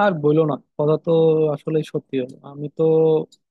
আর বইলো না, কথা তো। আসলে সত্যি হলো আমি তো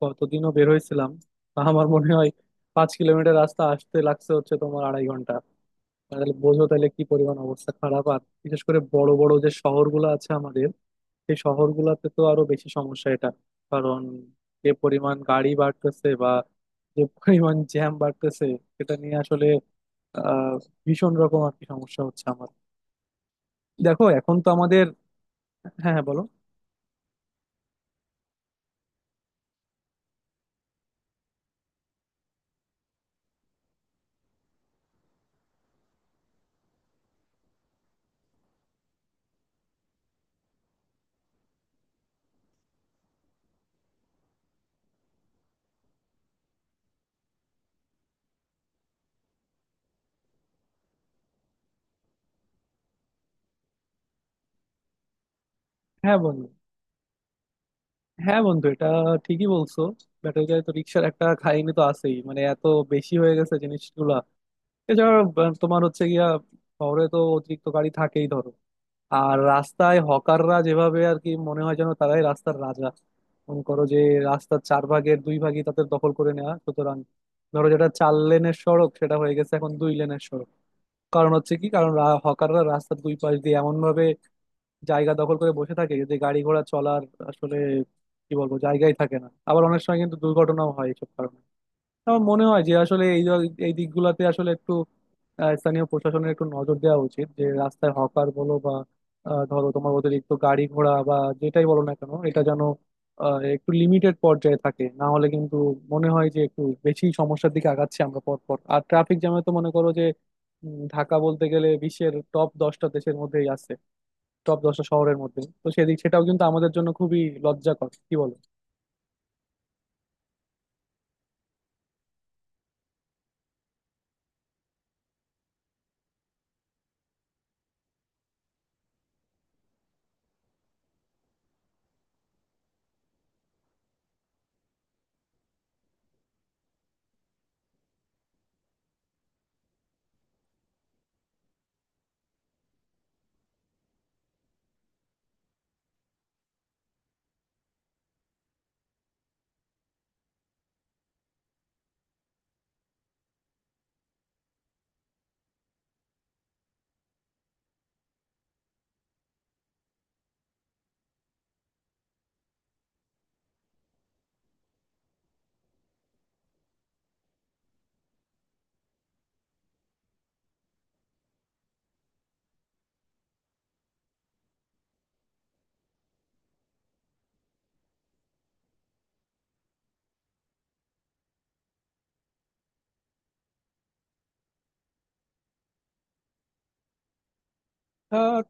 কতদিনও বের হয়েছিলাম, তা আমার মনে হয় 5 কিলোমিটার রাস্তা আসতে লাগছে হচ্ছে তোমার 2.5 ঘন্টা। তাহলে বোঝো তাহলে কি পরিমাণ অবস্থা খারাপ। আর বিশেষ করে বড় বড় যে শহরগুলো আছে আমাদের, সেই শহরগুলোতে তো আরো বেশি সমস্যা এটা। কারণ যে পরিমাণ গাড়ি বাড়তেছে বা যে পরিমাণ জ্যাম বাড়তেছে সেটা নিয়ে আসলে আহ ভীষণ রকম আর কি সমস্যা হচ্ছে আমার। দেখো এখন তো আমাদের। হ্যাঁ, হ্যাঁ, বলো। হ্যাঁ বন্ধু, হ্যাঁ বন্ধু, এটা ঠিকই বলছো। ব্যাটারি গাড়িতে রিক্সার একটা খাইনি তো আছেই, মানে এত বেশি হয়ে গেছে জিনিসগুলা। এছাড়া তোমার হচ্ছে গিয়া শহরে তো অতিরিক্ত গাড়ি থাকেই ধরো। আর রাস্তায় হকাররা যেভাবে, আর কি মনে হয় যেন তারাই রাস্তার রাজা। মনে করো যে রাস্তার 4 ভাগের 2 ভাগই তাদের দখল করে নেওয়া, সুতরাং ধরো যেটা 4 লেনের সড়ক সেটা হয়ে গেছে এখন 2 লেনের সড়ক। কারণ হচ্ছে কি, কারণ হকাররা রাস্তার দুই পাশ দিয়ে এমন ভাবে জায়গা দখল করে বসে থাকে যে গাড়ি ঘোড়া চলার আসলে কি বলবো জায়গাই থাকে না। আবার অনেক সময় কিন্তু দুর্ঘটনাও হয় এইসব কারণে। আমার মনে হয় যে আসলে এই দিকগুলাতে আসলে একটু স্থানীয় প্রশাসনের একটু নজর দেওয়া উচিত, যে রাস্তায় হকার বলো বা ধরো তোমার অতিরিক্ত গাড়ি ঘোড়া বা যেটাই বলো না কেন এটা যেন একটু লিমিটেড পর্যায়ে থাকে, না হলে কিন্তু মনে হয় যে একটু বেশি সমস্যার দিকে আগাচ্ছি আমরা পর পর। আর ট্রাফিক জ্যামে তো মনে করো যে ঢাকা বলতে গেলে বিশ্বের টপ 10টা দেশের মধ্যেই আছে, টপ 10টা শহরের মধ্যে। তো সেদিক, সেটাও কিন্তু আমাদের জন্য খুবই লজ্জাকর, কি বলো।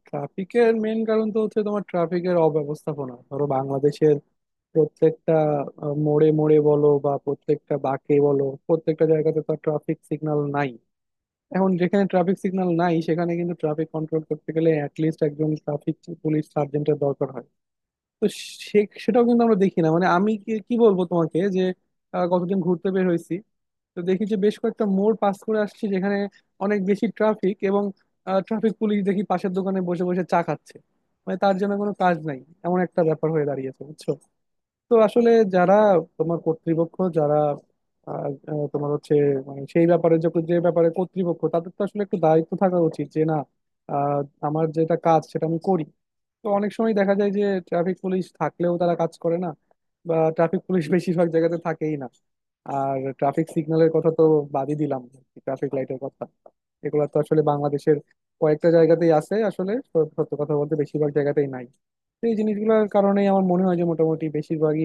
ট্রাফিকের মেন কারণ তো হচ্ছে তোমার ট্রাফিকের অব্যবস্থাপনা। ধরো বাংলাদেশের প্রত্যেকটা মোড়ে মোড়ে বলো বা প্রত্যেকটা বাঁকে বলো, প্রত্যেকটা জায়গাতে তো ট্রাফিক সিগন্যাল নাই। এখন যেখানে ট্রাফিক সিগন্যাল নাই সেখানে কিন্তু ট্রাফিক কন্ট্রোল করতে গেলে অ্যাটলিস্ট একজন ট্রাফিক পুলিশ সার্জেন্টের দরকার হয়। তো সে সেটাও কিন্তু আমরা দেখি না, মানে আমি কি কি বলবো তোমাকে যে কতদিন ঘুরতে বের হয়েছি। তো দেখি যে বেশ কয়েকটা মোড় পাস করে আসছি যেখানে অনেক বেশি ট্রাফিক, এবং ট্রাফিক পুলিশ দেখি পাশের দোকানে বসে বসে চা খাচ্ছে। মানে তার জন্য কোনো কাজ নাই, এমন একটা ব্যাপার হয়ে দাঁড়িয়েছে বুঝছো। তো আসলে যারা তোমার কর্তৃপক্ষ, যারা আহ, আহ, তোমার হচ্ছে, মানে সেই ব্যাপারে, যখন যে ব্যাপারে কর্তৃপক্ষ তাদের তো আসলে একটু দায়িত্ব থাকা উচিত যে না আহ, আমার যেটা কাজ সেটা আমি করি। তো অনেক সময় দেখা যায় যে ট্রাফিক পুলিশ থাকলেও তারা কাজ করে না, বা ট্রাফিক পুলিশ বেশিরভাগ জায়গাতে থাকেই না। আর ট্রাফিক সিগন্যালের কথা তো বাদই দিলাম, ট্রাফিক লাইটের কথা। এগুলো তো আসলে বাংলাদেশের কয়েকটা জায়গাতেই আছে আসলে, সত্য কথা বলতে বেশিরভাগ জায়গাতেই নাই। তো এই জিনিসগুলোর কারণেই আমার মনে হয় যে মোটামুটি বেশিরভাগই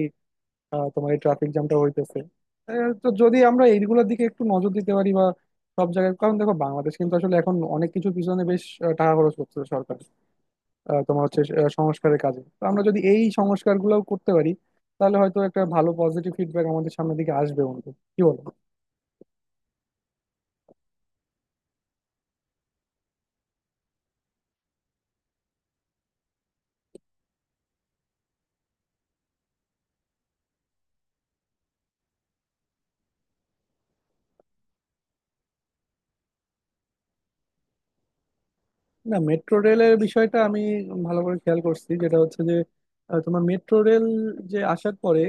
তোমার এই ট্রাফিক জ্যামটা হইতেছে। তো যদি আমরা এইগুলোর দিকে একটু নজর দিতে পারি বা সব জায়গায়, কারণ দেখো বাংলাদেশ কিন্তু আসলে এখন অনেক কিছু পিছনে বেশ টাকা খরচ করতেছে সরকার, তোমার হচ্ছে সংস্কারের কাজে। তো আমরা যদি এই সংস্কারগুলোও করতে পারি তাহলে হয়তো একটা ভালো পজিটিভ ফিডব্যাক আমাদের সামনের দিকে আসবে বন্ধু, কি বলো। না, মেট্রো রেলের বিষয়টা আমি ভালো করে খেয়াল করছি, যেটা হচ্ছে যে তোমার মেট্রো রেল যে আসার পরে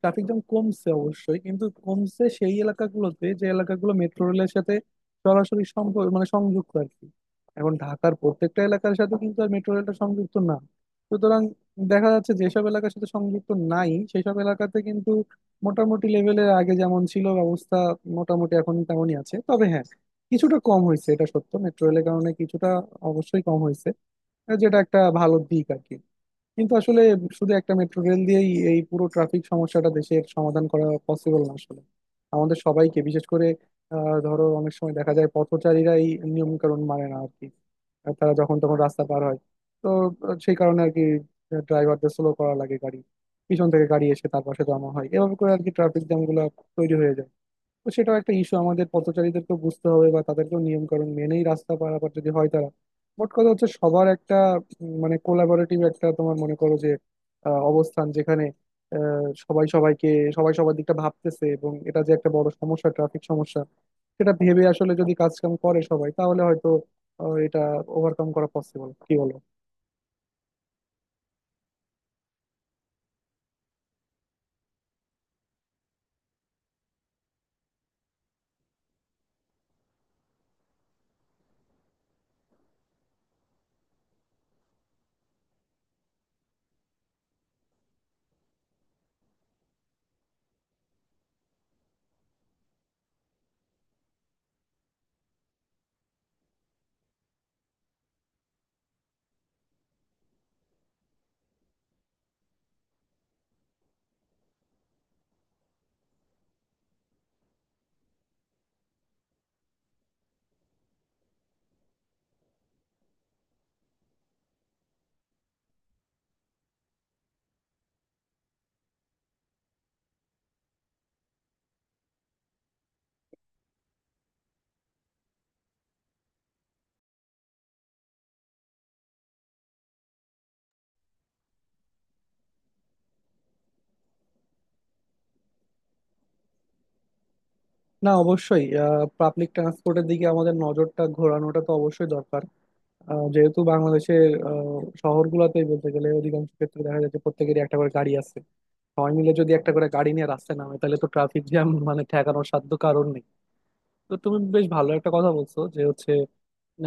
ট্রাফিক জ্যাম কমছে অবশ্যই, কিন্তু কমছে সেই এলাকাগুলোতে যে এলাকাগুলো মেট্রো রেলের সাথে সরাসরি সম্পর্ক, মানে সংযুক্ত আর কি। এখন ঢাকার প্রত্যেকটা এলাকার সাথে কিন্তু আর মেট্রো রেলটা সংযুক্ত না। সুতরাং দেখা যাচ্ছে যেসব এলাকার সাথে সংযুক্ত নাই সেসব এলাকাতে কিন্তু মোটামুটি লেভেলের আগে যেমন ছিল ব্যবস্থা, মোটামুটি এখন তেমনই আছে। তবে হ্যাঁ, কিছুটা কম হয়েছে এটা সত্য, মেট্রো রেলের কারণে কিছুটা অবশ্যই কম হয়েছে, যেটা একটা ভালো দিক আর কি। কিন্তু আসলে শুধু একটা মেট্রো রেল দিয়েই এই পুরো ট্রাফিক সমস্যাটা দেশের সমাধান করা পসিবল না। আসলে আমাদের সবাইকে বিশেষ করে, ধরো অনেক সময় দেখা যায় পথচারীরা এই নিয়ম কানুন মানে না আর কি। আর তারা যখন তখন রাস্তা পার হয়। তো সেই কারণে আর কি ড্রাইভারদের স্লো করা লাগে গাড়ি, পিছন থেকে গাড়ি এসে তার পাশে জমা হয়, এভাবে করে আর কি ট্রাফিক জ্যাম গুলো তৈরি হয়ে যায়। তো সেটাও একটা ইস্যু, আমাদের পথচারীদেরকেও বুঝতে হবে বা তাদেরকেও নিয়ম কানুন মেনেই রাস্তা পারাপার যদি হয় তারা। মোট কথা হচ্ছে সবার একটা মানে কোলাবোরেটিভ একটা তোমার মনে করো যে অবস্থান, যেখানে আহ, সবাই সবাইকে সবাই সবার দিকটা ভাবতেছে এবং এটা যে একটা বড় সমস্যা, ট্রাফিক সমস্যা, সেটা ভেবে আসলে যদি কাজ কাম করে সবাই তাহলে হয়তো এটা ওভারকাম করা পসিবল, কি বলো। না অবশ্যই, পাবলিক ট্রান্সপোর্টের দিকে আমাদের নজরটা ঘোরানোটা তো অবশ্যই দরকার, যেহেতু বাংলাদেশের শহরগুলোতেই বলতে গেলে অধিকাংশ ক্ষেত্রে দেখা যাচ্ছে প্রত্যেকেরই একটা করে গাড়ি আছে। সবাই মিলে যদি একটা করে গাড়ি নিয়ে রাস্তায় নামে তাহলে তো ট্রাফিক জ্যাম মানে ঠেকানোর সাধ্য কারণ নেই। তো তুমি বেশ ভালো একটা কথা বলছো যে হচ্ছে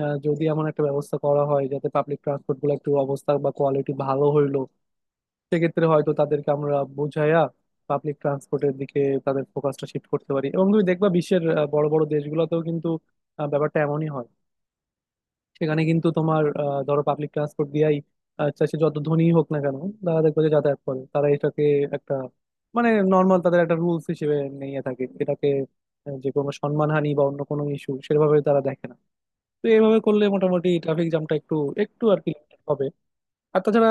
যদি এমন একটা ব্যবস্থা করা হয় যাতে পাবলিক ট্রান্সপোর্ট গুলো একটু অবস্থা বা কোয়ালিটি ভালো হইলো, সেক্ষেত্রে হয়তো তাদেরকে আমরা বুঝাইয়া পাবলিক ট্রান্সপোর্টের দিকে তাদের ফোকাসটা শিফট করতে পারি। এবং তুমি দেখবা বিশ্বের বড় বড় দেশগুলোতেও কিন্তু ব্যাপারটা এমনই হয়। সেখানে কিন্তু তোমার ধরো পাবলিক ট্রান্সপোর্ট দিয়াই, আচ্ছা সে যত ধনী হোক না কেন, তারা দেখবে যে যাতায়াত করে তারা এটাকে একটা, মানে নর্মাল তাদের একটা রুলস হিসেবে নিয়ে থাকে এটাকে। যে কোনো সম্মানহানি বা অন্য কোনো ইস্যু সেভাবে তারা দেখে না। তো এইভাবে করলে মোটামুটি ট্রাফিক জ্যামটা একটু একটু আর কি limited হবে। আর তাছাড়া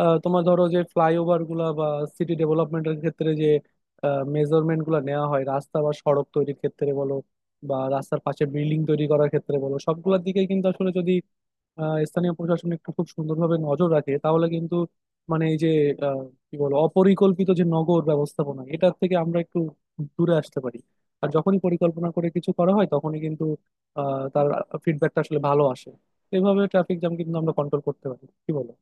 তোমার ধরো যে ফ্লাইওভার গুলা বা সিটি ডেভেলপমেন্টের ক্ষেত্রে যে মেজারমেন্ট গুলা নেওয়া হয় রাস্তা বা সড়ক তৈরির ক্ষেত্রে বলো, বা রাস্তার পাশে বিল্ডিং তৈরি করার ক্ষেত্রে বলো, সবগুলোর দিকে কিন্তু আসলে যদি স্থানীয় প্রশাসন একটু খুব সুন্দরভাবে নজর রাখে তাহলে কিন্তু, মানে এই যে আহ, কি বলো, অপরিকল্পিত যে নগর ব্যবস্থাপনা এটার থেকে আমরা একটু দূরে আসতে পারি। আর যখনই পরিকল্পনা করে কিছু করা হয় তখনই কিন্তু তার ফিডব্যাকটা আসলে ভালো আসে। এইভাবে ট্রাফিক জ্যাম কিন্তু আমরা কন্ট্রোল করতে পারি, কি বলো।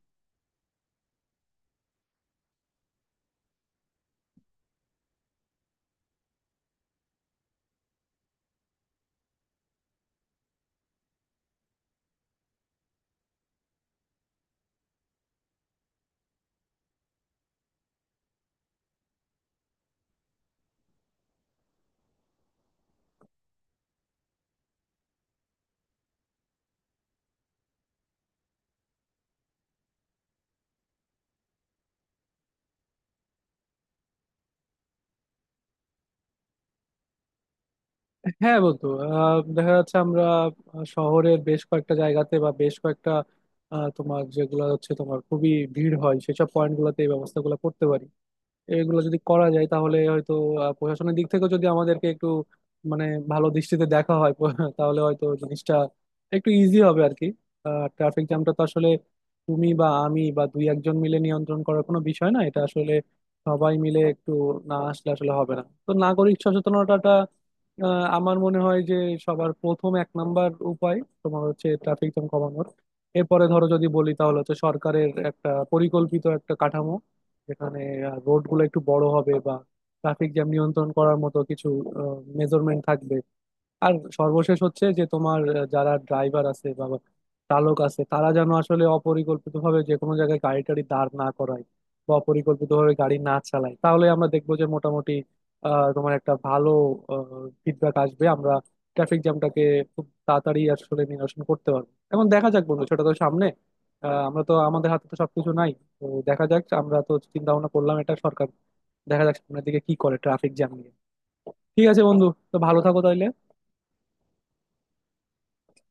হ্যাঁ বন্ধু, দেখা যাচ্ছে আমরা শহরের বেশ কয়েকটা জায়গাতে বা বেশ কয়েকটা তোমার যেগুলো হচ্ছে তোমার খুবই ভিড় হয় সেসব পয়েন্ট গুলোতে এই ব্যবস্থাগুলো করতে পারি। এগুলো যদি করা যায় তাহলে হয়তো প্রশাসনের দিক থেকে যদি আমাদেরকে একটু, মানে ভালো দৃষ্টিতে দেখা হয় তাহলে হয়তো জিনিসটা একটু ইজি হবে আর কি। ট্রাফিক জ্যামটা তো আসলে তুমি বা আমি বা দুই একজন মিলে নিয়ন্ত্রণ করার কোনো বিষয় না, এটা আসলে সবাই মিলে একটু, না আসলে আসলে হবে না তো নাগরিক সচেতনতাটা, আমার মনে হয় যে সবার প্রথম 1 নাম্বার উপায় তোমার হচ্ছে ট্রাফিক জ্যাম কমানোর। এরপরে ধরো যদি বলি তাহলে হচ্ছে সরকারের একটা পরিকল্পিত একটা কাঠামো যেখানে রোড গুলো একটু বড় হবে বা ট্রাফিক জ্যাম নিয়ন্ত্রণ করার মতো কিছু মেজারমেন্ট থাকবে। আর সর্বশেষ হচ্ছে যে তোমার যারা ড্রাইভার আছে বা চালক আছে তারা যেন আসলে অপরিকল্পিতভাবে যে কোনো জায়গায় গাড়ি টাড়ি দাঁড় না করায় বা অপরিকল্পিতভাবে গাড়ি না চালায়, তাহলে আমরা দেখবো যে মোটামুটি তোমার একটা ভালো ফিডব্যাক আসবে, আমরা ট্রাফিক জ্যামটাকে খুব তাড়াতাড়ি আসলে নিরসন করতে পারবো। এখন দেখা যাক বন্ধু সেটা তো সামনে, আমরা তো আমাদের হাতে তো সবকিছু নাই। তো দেখা যাক, আমরা তো চিন্তা ভাবনা করলাম, এটা সরকার দেখা যাক সামনের দিকে কি করে ট্রাফিক জ্যাম নিয়ে। ঠিক আছে বন্ধু, তো ভালো থাকো তাহলে।